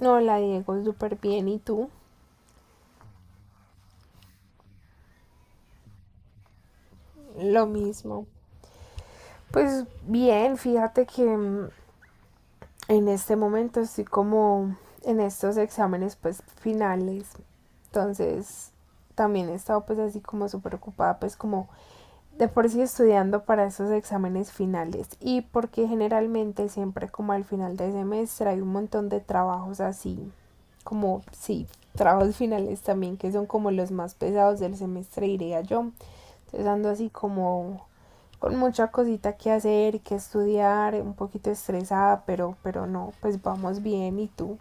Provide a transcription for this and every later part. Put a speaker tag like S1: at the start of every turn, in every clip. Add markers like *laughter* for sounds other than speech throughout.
S1: Hola Diego, súper bien. ¿Y tú? Lo mismo. Pues bien, fíjate que en este momento estoy como en estos exámenes pues finales. Entonces también he estado pues así como súper ocupada pues como de por sí estudiando para esos exámenes finales, y porque generalmente siempre como al final del semestre hay un montón de trabajos así, como sí, trabajos finales también, que son como los más pesados del semestre, diría yo. Entonces ando así como con mucha cosita que hacer y que estudiar, un poquito estresada, pero no, pues vamos bien. ¿Y tú?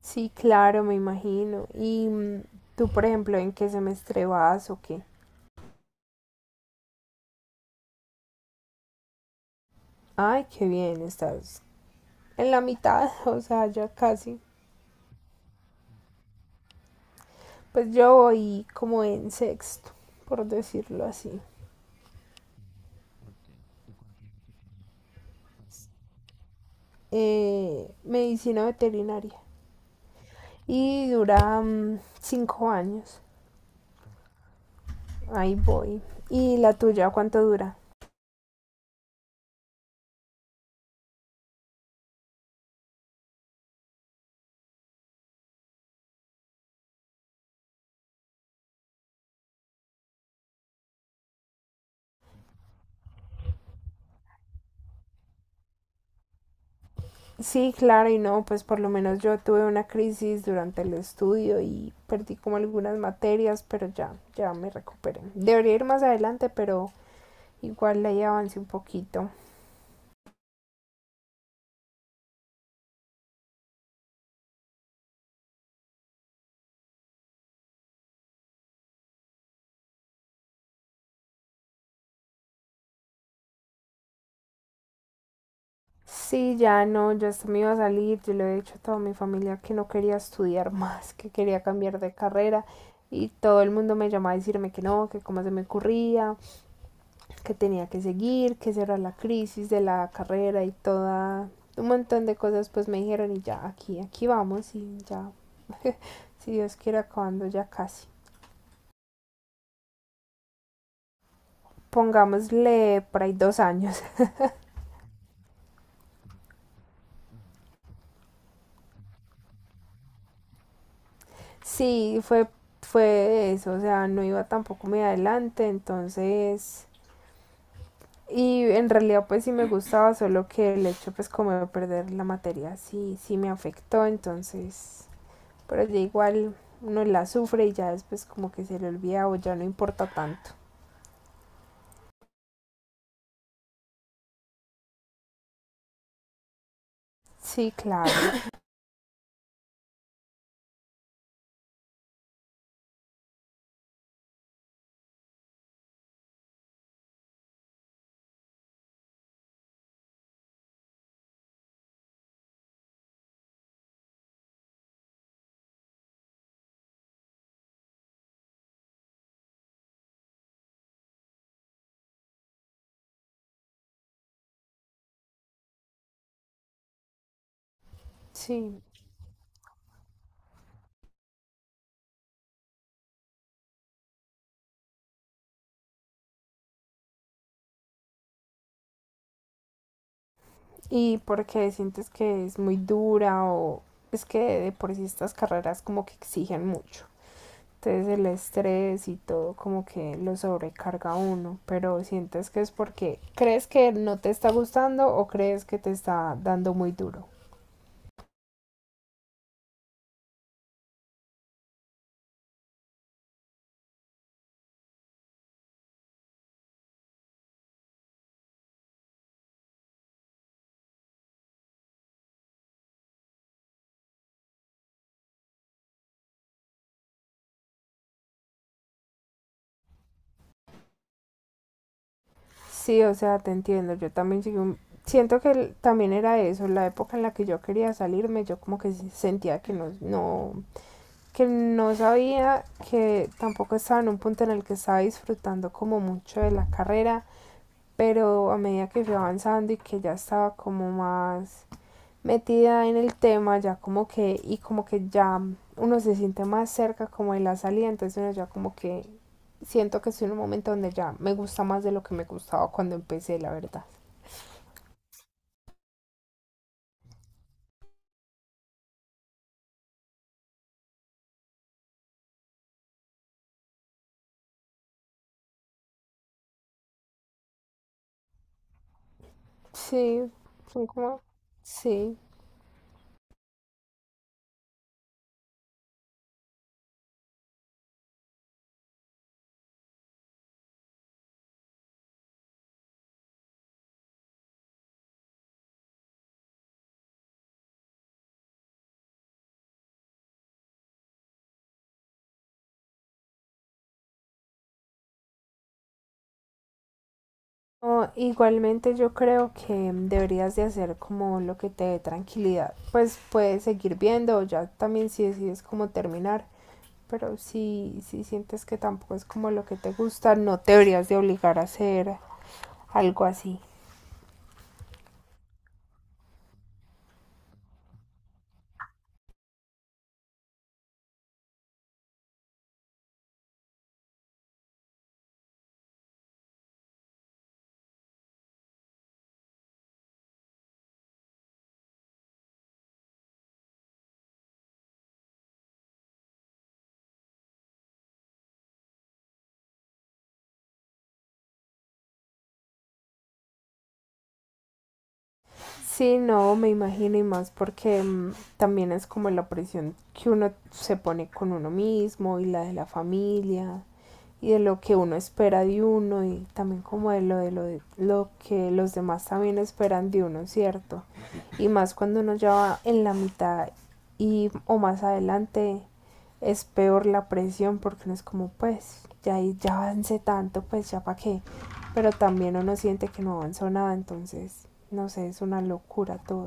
S1: Sí, claro, me imagino. ¿Y tú, por ejemplo, en qué semestre vas o qué? Ay, qué bien, estás en la mitad, *laughs* o sea, ya casi. Pues yo voy como en sexto, por decirlo así. Medicina veterinaria. Y dura 5 años. Ahí voy. ¿Y la tuya cuánto dura? Sí, claro, y no, pues por lo menos yo tuve una crisis durante el estudio y perdí como algunas materias, pero ya, ya me recuperé. Debería ir más adelante, pero igual ahí avancé un poquito. Sí, ya no, ya hasta me iba a salir. Yo le he dicho a toda mi familia que no quería estudiar más, que quería cambiar de carrera, y todo el mundo me llamaba a decirme que no, que cómo se me ocurría, que tenía que seguir, que esa era la crisis de la carrera, y toda un montón de cosas pues me dijeron, y ya aquí, aquí vamos, y ya, si Dios quiere, acabando ya casi. Pongámosle por ahí 2 años. *laughs* Sí, fue, fue eso. O sea, no iba tampoco muy adelante, entonces. Y en realidad pues sí me gustaba, solo que el hecho pues como de perder la materia sí, sí me afectó. Entonces, pero ya igual uno la sufre y ya después como que se le olvida o ya no importa tanto. Sí, claro, *coughs* sí. Y porque sientes que es muy dura, o es que de por sí estas carreras como que exigen mucho. Entonces el estrés y todo como que lo sobrecarga a uno, pero sientes que es porque crees que no te está gustando, o crees que te está dando muy duro. Sí, o sea, te entiendo. Yo también siento que también era eso, la época en la que yo quería salirme. Yo como que sentía que no, que no sabía, que tampoco estaba en un punto en el que estaba disfrutando como mucho de la carrera. Pero a medida que fui avanzando, y que ya estaba como más metida en el tema, ya como que, y como que ya uno se siente más cerca como de la salida, entonces uno ya como que, siento que estoy en un momento donde ya me gusta más de lo que me gustaba cuando empecé, la verdad. Sí, son como, sí. No, igualmente yo creo que deberías de hacer como lo que te dé tranquilidad. Pues puedes seguir viendo, ya también, si decides como terminar, pero si sientes que tampoco es como lo que te gusta, no te deberías de obligar a hacer algo así. Sí, no, me imagino, y más porque también es como la presión que uno se pone con uno mismo, y la de la familia, y de lo que uno espera de uno, y también como de lo que los demás también esperan de uno, ¿cierto? Y más cuando uno ya va en la mitad y o más adelante, es peor la presión, porque uno es como, pues ya ya avancé tanto, pues ya para qué. Pero también uno siente que no avanzó nada. Entonces, no sé, es una locura todo.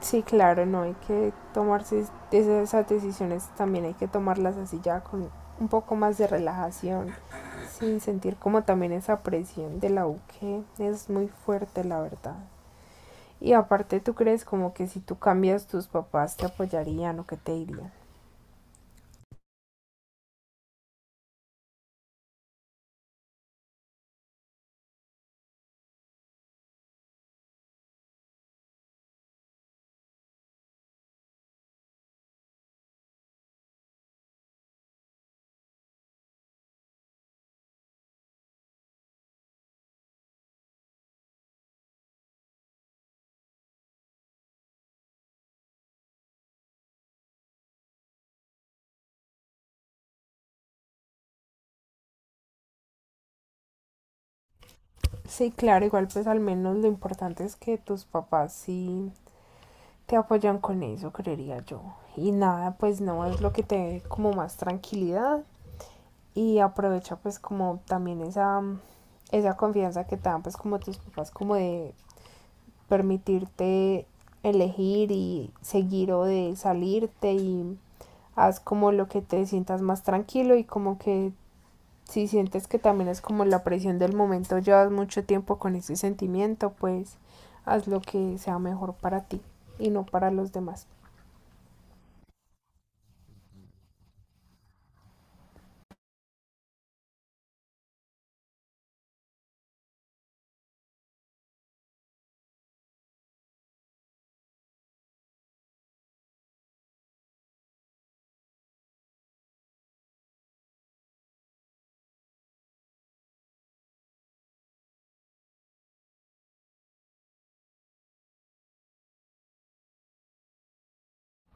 S1: Sí, claro, no hay que tomarse esas decisiones, también hay que tomarlas así ya con un poco más de relajación, sin sentir como también esa presión de la U, que es muy fuerte, la verdad. Y aparte, ¿tú crees como que si tú cambias, tus papás te apoyarían, o que te dirían? Sí, claro, igual pues al menos lo importante es que tus papás sí te apoyan con eso, creería yo. Y nada, pues no, es lo que te dé como más tranquilidad, y aprovecha pues como también esa confianza que te dan pues como tus papás, como de permitirte elegir y seguir, o de salirte. Y haz como lo que te sientas más tranquilo. Y como que si sientes que también es como la presión del momento, llevas mucho tiempo con ese sentimiento, pues haz lo que sea mejor para ti y no para los demás.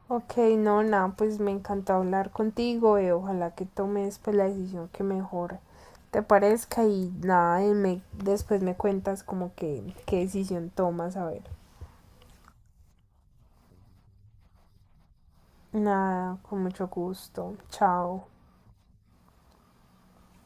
S1: Ok, no, nada, pues me encantó hablar contigo, y ojalá que tomes pues la decisión que mejor te parezca. Y nada, y me, después me cuentas como que qué decisión tomas, a ver. Nada, con mucho gusto. Chao.